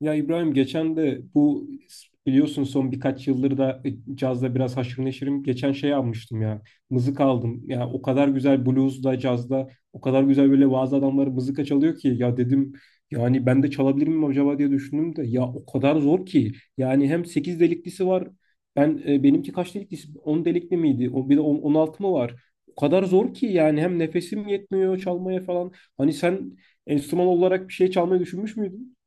Ya İbrahim, geçen de bu biliyorsun son birkaç yıldır da cazda biraz haşır neşirim. Geçen şey almıştım ya. Mızık aldım. Ya o kadar güzel bluesda, cazda o kadar güzel böyle bazı adamları mızıka çalıyor ki ya dedim yani ben de çalabilir miyim acaba diye düşündüm de ya o kadar zor ki. Yani hem 8 deliklisi var. Ben benimki kaç deliklisi? On delikli miydi? O bir de 16 mı var? O kadar zor ki yani hem nefesim yetmiyor çalmaya falan. Hani sen enstrüman olarak bir şey çalmayı düşünmüş müydün?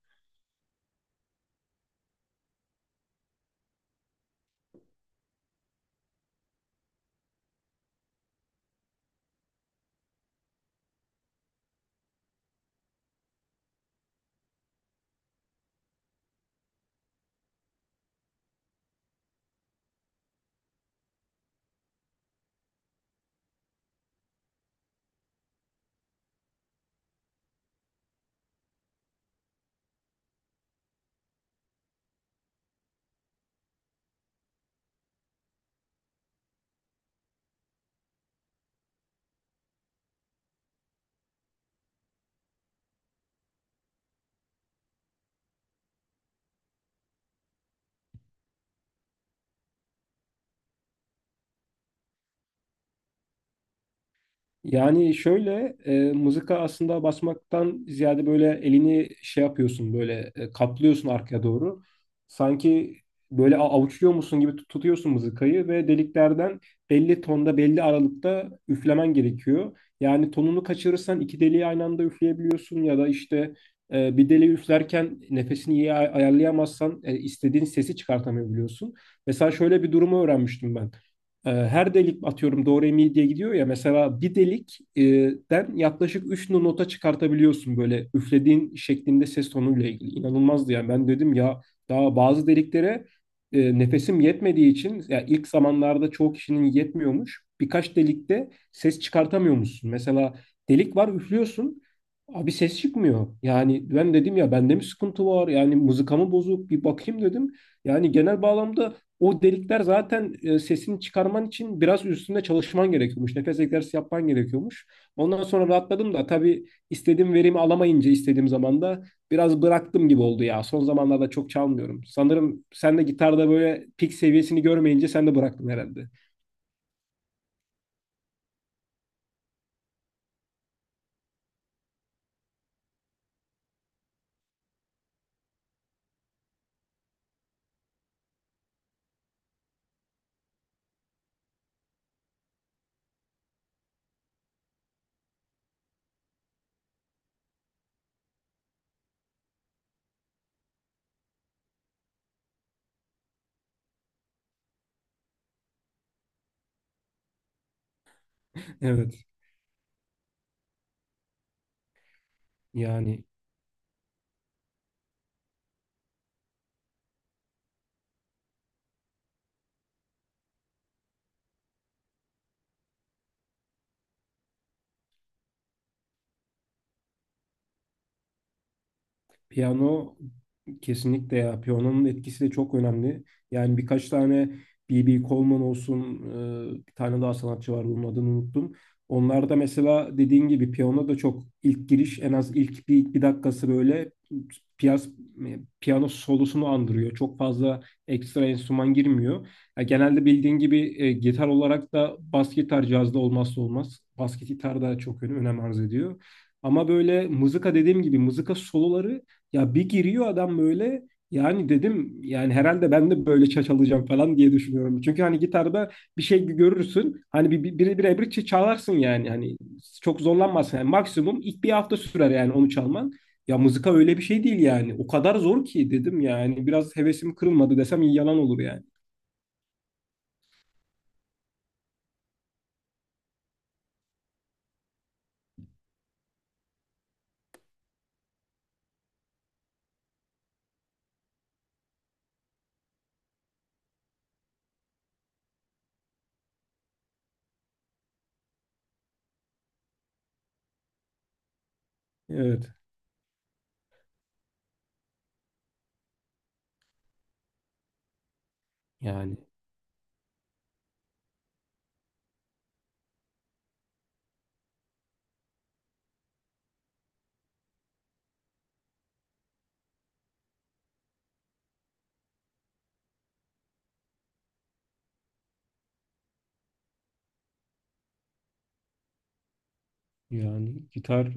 Yani şöyle mızıka aslında basmaktan ziyade böyle elini şey yapıyorsun böyle kaplıyorsun arkaya doğru. Sanki böyle avuçluyor musun gibi tutuyorsun mızıkayı ve deliklerden belli tonda belli aralıkta üflemen gerekiyor. Yani tonunu kaçırırsan iki deliği aynı anda üfleyebiliyorsun ya da işte bir deliği üflerken nefesini iyi ayarlayamazsan istediğin sesi çıkartamayabiliyorsun. Mesela şöyle bir durumu öğrenmiştim ben. Her delik atıyorum do re mi diye gidiyor ya mesela bir delikten e, den yaklaşık 3 nota çıkartabiliyorsun böyle üflediğin şeklinde ses tonuyla ilgili. İnanılmazdı yani ben dedim ya daha bazı deliklere nefesim yetmediği için ya ilk zamanlarda çoğu kişinin yetmiyormuş. Birkaç delikte ses çıkartamıyormuşsun. Mesela delik var üflüyorsun abi ses çıkmıyor. Yani ben dedim ya bende mi sıkıntı var yani mızıkamı bozuk bir bakayım dedim. Yani genel bağlamda o delikler zaten sesini çıkarman için biraz üstünde çalışman gerekiyormuş. Nefes egzersizi yapman gerekiyormuş. Ondan sonra rahatladım da tabii istediğim verimi alamayınca istediğim zaman da biraz bıraktım gibi oldu ya. Son zamanlarda çok çalmıyorum. Sanırım sen de gitarda böyle pik seviyesini görmeyince sen de bıraktın herhalde. Evet. Yani. Piyano kesinlikle ya. Piyanonun etkisi de çok önemli. Yani birkaç tane B.B. Coleman olsun, bir tane daha sanatçı var bunun adını unuttum. Onlar da mesela dediğin gibi piyano da çok ilk giriş, en az ilk bir dakikası böyle piyas, piyano solosunu andırıyor. Çok fazla ekstra enstrüman girmiyor. Ya genelde bildiğin gibi gitar olarak da bas gitar cazda olmazsa olmaz. Bas gitar da çok önem arz ediyor. Ama böyle mızıka dediğim gibi, mızıka soloları, ya bir giriyor adam böyle, yani dedim yani herhalde ben de böyle çalacağım falan diye düşünüyorum. Çünkü hani gitarda bir şey görürsün. Hani bir ebrikçe çalarsın yani. Hani çok zorlanmazsın. Yani maksimum ilk bir hafta sürer yani onu çalman. Ya mızıka öyle bir şey değil yani. O kadar zor ki dedim yani. Biraz hevesim kırılmadı desem yalan olur yani. Evet. Yani. Yani gitar,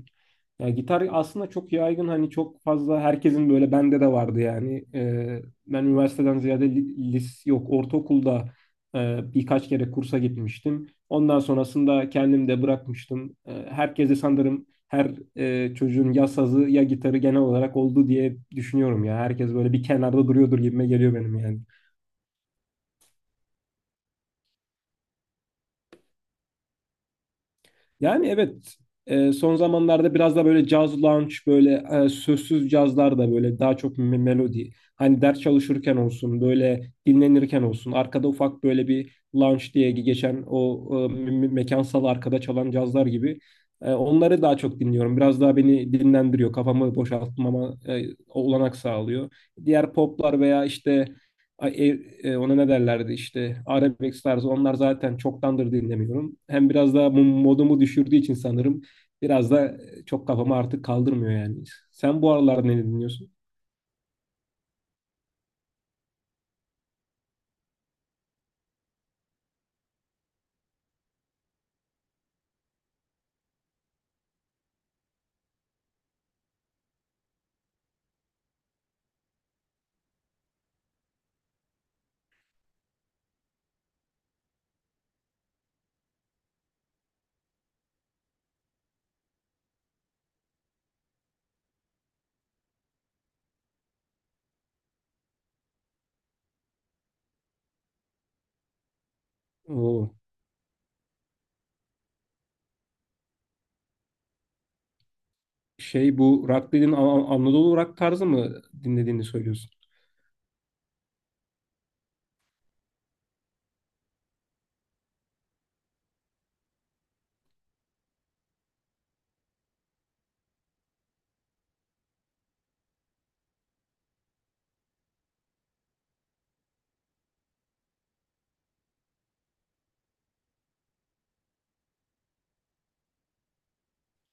ya gitar aslında çok yaygın, hani çok fazla herkesin, böyle bende de vardı yani. Ben üniversiteden ziyade, li- lis yok, ortaokulda birkaç kere kursa gitmiştim. Ondan sonrasında kendim de bırakmıştım. Herkese sanırım, her çocuğun ya sazı ya gitarı genel olarak oldu diye düşünüyorum ya. Herkes böyle bir kenarda duruyordur gibime geliyor benim yani. Yani evet, son zamanlarda biraz da böyle caz lounge, böyle sözsüz cazlar, da böyle daha çok melodi. Hani ders çalışırken olsun böyle dinlenirken olsun arkada ufak böyle bir lounge diye geçen o mekansal arkada çalan cazlar gibi. Onları daha çok dinliyorum. Biraz daha beni dinlendiriyor, kafamı boşaltmama olanak sağlıyor. Diğer poplar veya işte e, ona ne derlerdi işte arabesk tarzı, onlar zaten çoktandır dinlemiyorum. Hem biraz da modumu düşürdüğü için sanırım, biraz da çok kafamı artık kaldırmıyor yani. Sen bu aralar ne dinliyorsun? Oo, şey, bu rock dediğin Anadolu rock tarzı mı dinlediğini söylüyorsun?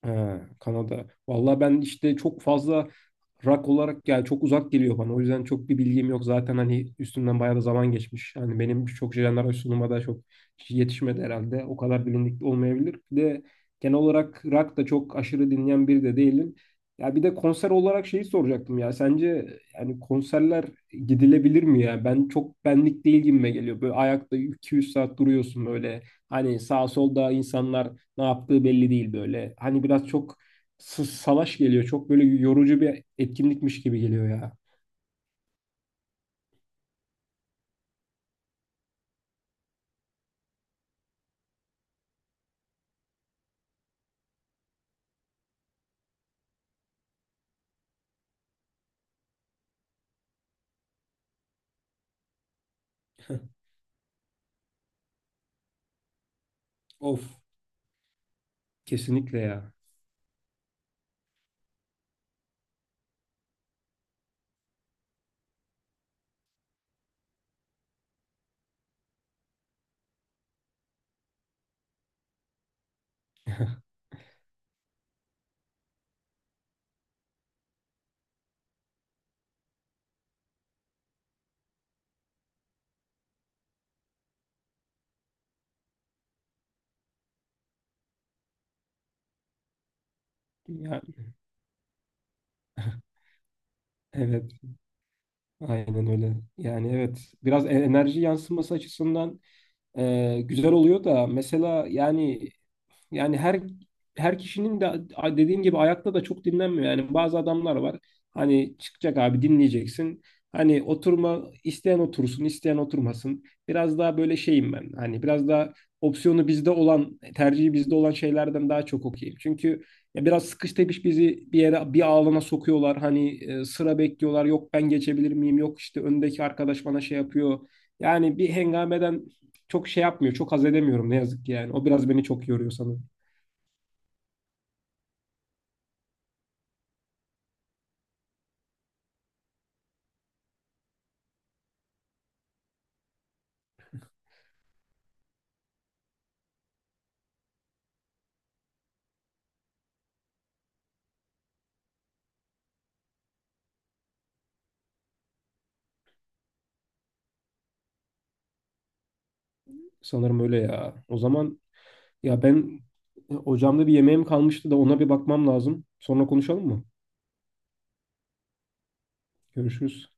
Ha, Kanada. Vallahi ben işte çok fazla rock olarak yani çok uzak geliyor bana. O yüzden çok bir bilgim yok. Zaten hani üstünden bayağı da zaman geçmiş. Yani benim çok jenerasyon sunuma da çok yetişmedi herhalde. O kadar bilindik olmayabilir. Bir de genel olarak rock da çok aşırı dinleyen biri de değilim. Ya bir de konser olarak şeyi soracaktım ya. Sence yani konserler gidilebilir mi ya? Ben çok benlik değil gibime geliyor. Böyle ayakta 200 saat duruyorsun böyle. Hani sağ solda insanlar ne yaptığı belli değil böyle. Hani biraz çok salaş geliyor. Çok böyle yorucu bir etkinlikmiş gibi geliyor ya. Of, kesinlikle ya. Yani, evet. Aynen öyle. Yani evet, biraz enerji yansıması açısından güzel oluyor da, mesela yani, yani her kişinin de dediğin gibi ayakta da çok dinlenmiyor. Yani bazı adamlar var. Hani çıkacak abi dinleyeceksin. Hani oturma, isteyen otursun, isteyen oturmasın. Biraz daha böyle şeyim ben. Hani biraz daha opsiyonu bizde olan, tercihi bizde olan şeylerden daha çok okuyayım. Çünkü ya biraz sıkış tepiş bizi bir yere, bir alana sokuyorlar. Hani sıra bekliyorlar. Yok ben geçebilir miyim? Yok işte öndeki arkadaş bana şey yapıyor. Yani bir hengameden çok şey yapmıyor. Çok haz edemiyorum ne yazık ki yani. O biraz beni çok yoruyor sanırım. Sanırım öyle ya. O zaman ya ben ocağımda bir yemeğim kalmıştı da ona bir bakmam lazım. Sonra konuşalım mı? Görüşürüz.